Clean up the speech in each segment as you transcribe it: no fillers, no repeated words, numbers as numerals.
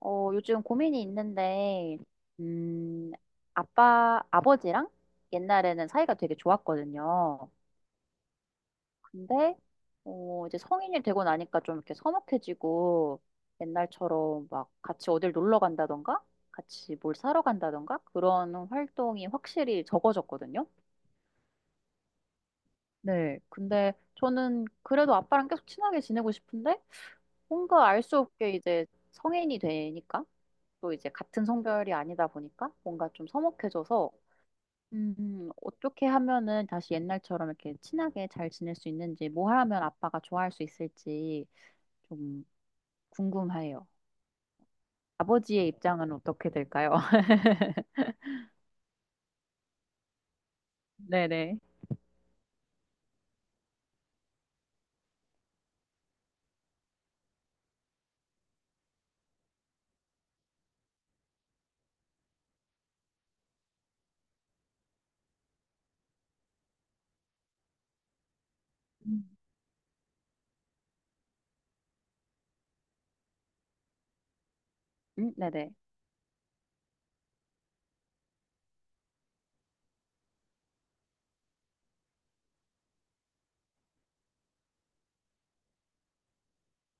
요즘 고민이 있는데, 음, 아버지랑 옛날에는 사이가 되게 좋았거든요. 근데, 이제 성인이 되고 나니까 좀 이렇게 서먹해지고, 옛날처럼 막 같이 어딜 놀러 간다던가, 같이 뭘 사러 간다던가, 그런 활동이 확실히 적어졌거든요. 네. 근데 저는 그래도 아빠랑 계속 친하게 지내고 싶은데, 뭔가 알 수 없게 이제 성인이 되니까, 또 이제 같은 성별이 아니다 보니까 뭔가 좀 서먹해져서 어떻게 하면은 다시 옛날처럼 이렇게 친하게 잘 지낼 수 있는지, 뭐 하면 아빠가 좋아할 수 있을지 좀 궁금해요. 아버지의 입장은 어떻게 될까요? 네네. 음. 네네.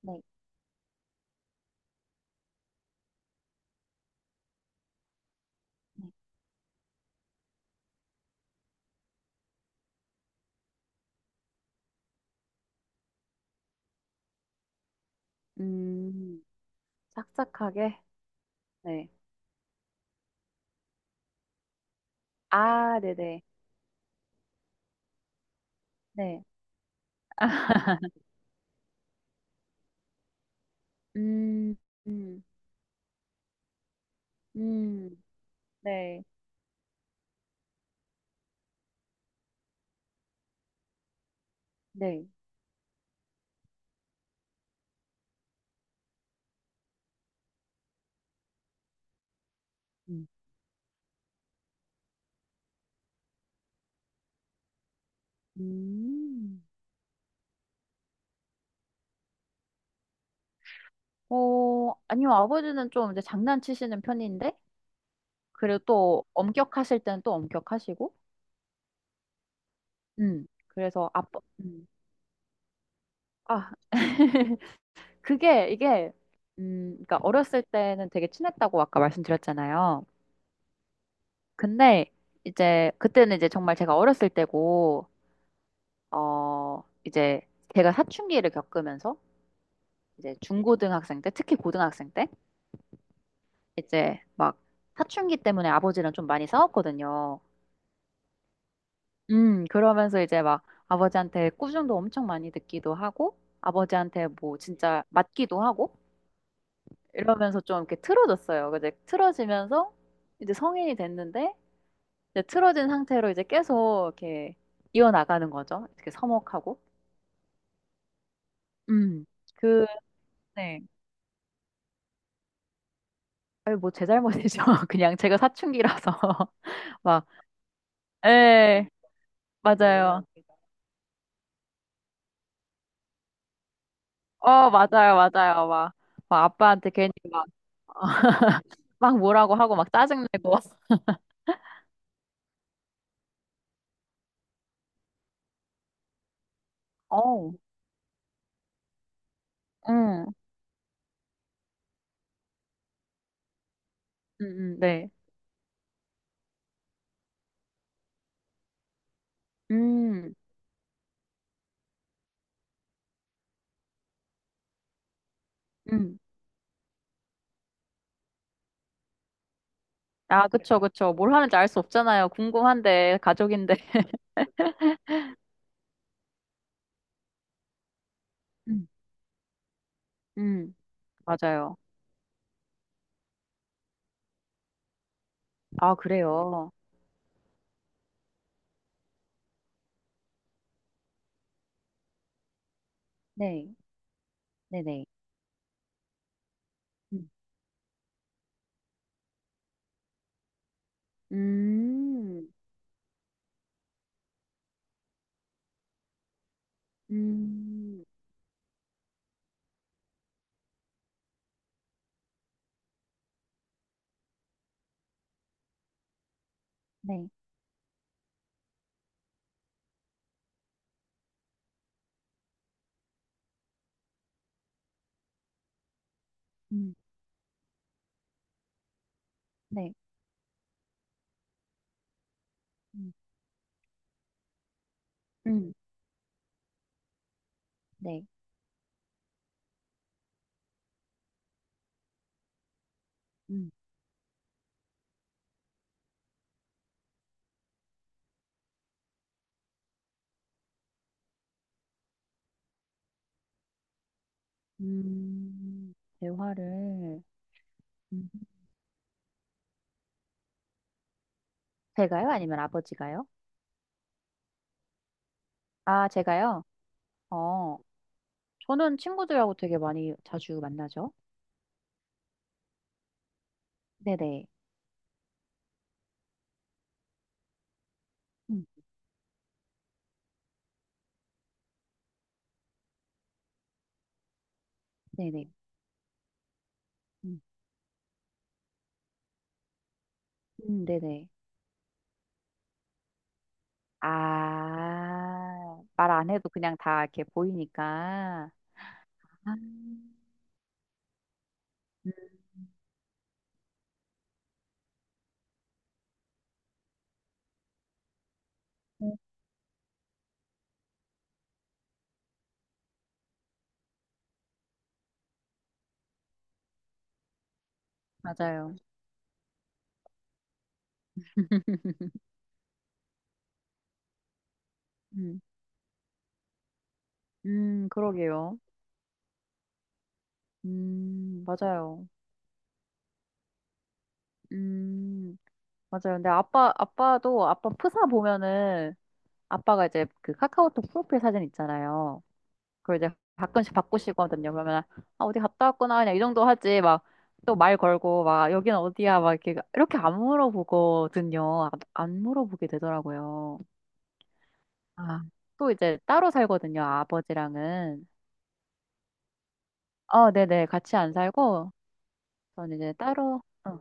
네, 네. 음, 싹싹하게. 네. 아, 네네. 네. 아, 음, 음, 음, 네. 네. 음. 음. 어, 아니요, 아버지는 좀 이제 장난치시는 편인데, 그리고 또 엄격하실 때는 또 엄격하시고, 그래서 아빠. 아, 그게, 이게, 그러니까 어렸을 때는 되게 친했다고 아까 말씀드렸잖아요. 근데 이제, 그때는 이제 정말 제가 어렸을 때고, 이제 제가 사춘기를 겪으면서, 이제 중고등학생 때, 특히 고등학생 때, 이제 막 사춘기 때문에 아버지랑 좀 많이 싸웠거든요. 그러면서 이제 막 아버지한테 꾸중도 엄청 많이 듣기도 하고, 아버지한테 뭐 진짜 맞기도 하고, 이러면서 좀 이렇게 틀어졌어요. 근데 틀어지면서 이제 성인이 됐는데, 이제 틀어진 상태로 이제 계속 이렇게 이어나가는 거죠. 이렇게 서먹하고. 음, 그, 네. 아니, 뭐 제 잘못이죠. 그냥 제가 사춘기라서. 막, 에, 맞아요. 어, 맞아요, 맞아요. 막 아빠한테 괜히 막, 막 뭐라고 하고 막 짜증내고. 어. 응, 응, 응, 네. 음, 음. 아, 그쵸, 그쵸. 뭘 하는지 알 수 없잖아요. 궁금한데, 가족인데. 음, 음, 맞아요. 아, 그래요. 네, 네네. 음, 음, 음, 네, 음, 네, 음, 음, 네. 음, 음, 대화를 음. 제가요? 아니면 아버지가요? 아, 제가요? 어, 저는 친구들하고 되게 많이 자주 만나죠. 네네, 음. 네네. 네네. 아, 말 안 해도 그냥 다 이렇게 보이니까. 아, 음, 맞아요. 음, 그러게요. 맞아요. 음, 맞아요. 근데 아빠도, 아빠 프사 보면은, 아빠가 이제 그 카카오톡 프로필 사진 있잖아요. 그리고 이제 가끔씩 바꾸시거든요. 그러면 아 어디 갔다 왔구나 그냥 이 정도 하지 막 또 말 걸고 막 여기는 어디야 막 이렇게 이렇게 안 물어보거든요. 아, 안 물어보게 되더라고요. 아, 또 이제 따로 살거든요. 아버지랑은 어 네네 같이 안 살고 저는 이제 따로 응,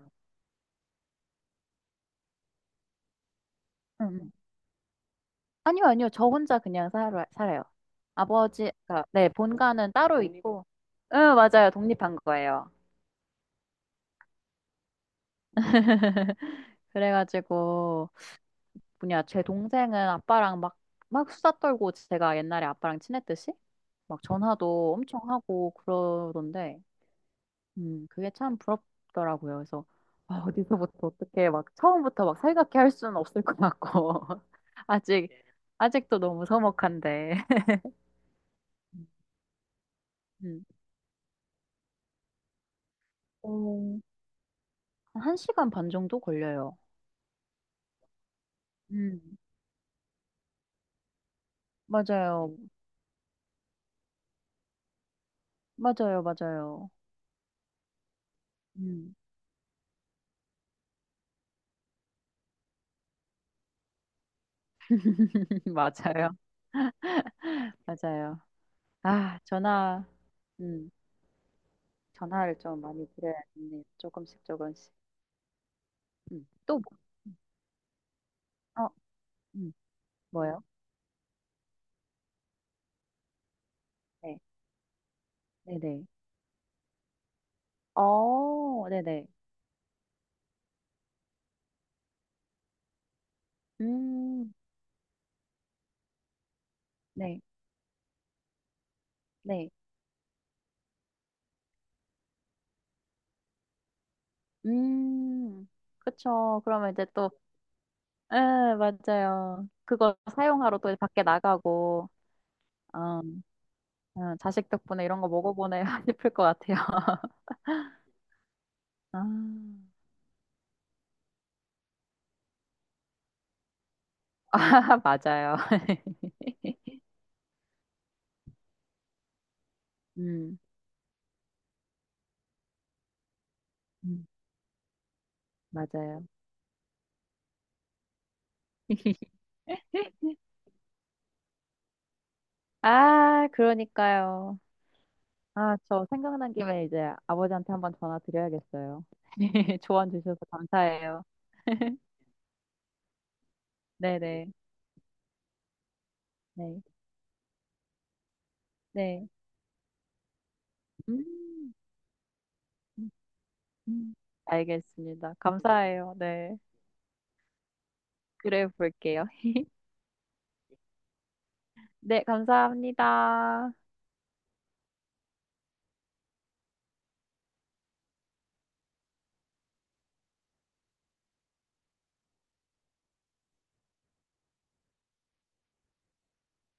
응. 응. 아니요 아니요 저 혼자 그냥 살아요. 아버지 가 네 본가는 따로 있고 응 맞아요 독립한 거예요. 그래가지고 뭐냐, 제 동생은 아빠랑 막, 막 수다 떨고 제가 옛날에 아빠랑 친했듯이 막 전화도 엄청 하고 그러던데, 그게 참 부럽더라고요. 그래서, 아, 어디서부터 어떻게 막 처음부터 막 살갑게 할 수는 없을 것 같고, 아직, 아직도 너무 서먹한데. 음, 어, 1시간 반 정도 걸려요. 음, 맞아요. 맞아요. 맞아요. 음, 맞아요. 맞아요. 아, 전화, 음. 전화를 좀 많이 드려야겠네요. 조금씩 조금씩. 음. 또 뭐? 음. 어, 음. 뭐요? 네, 네네. 어, 네네. 음, 네, 네. 음, 그쵸. 그러면 이제 또, 예, 맞아요. 그거 사용하러 또 밖에 나가고, 음, 자식 덕분에 이런 거 먹어보네 싶을 것 같아요. 아, 맞아요. 음, 음, 맞아요. 아, 그러니까요. 아, 저 생각난 김에 이제 아버지한테 한번 전화 드려야겠어요. 조언 주셔서 감사해요. 네네. 네. 네. 음, 음, 음. 알겠습니다. 감사해요. 네. 그래 볼게요. 네, 감사합니다.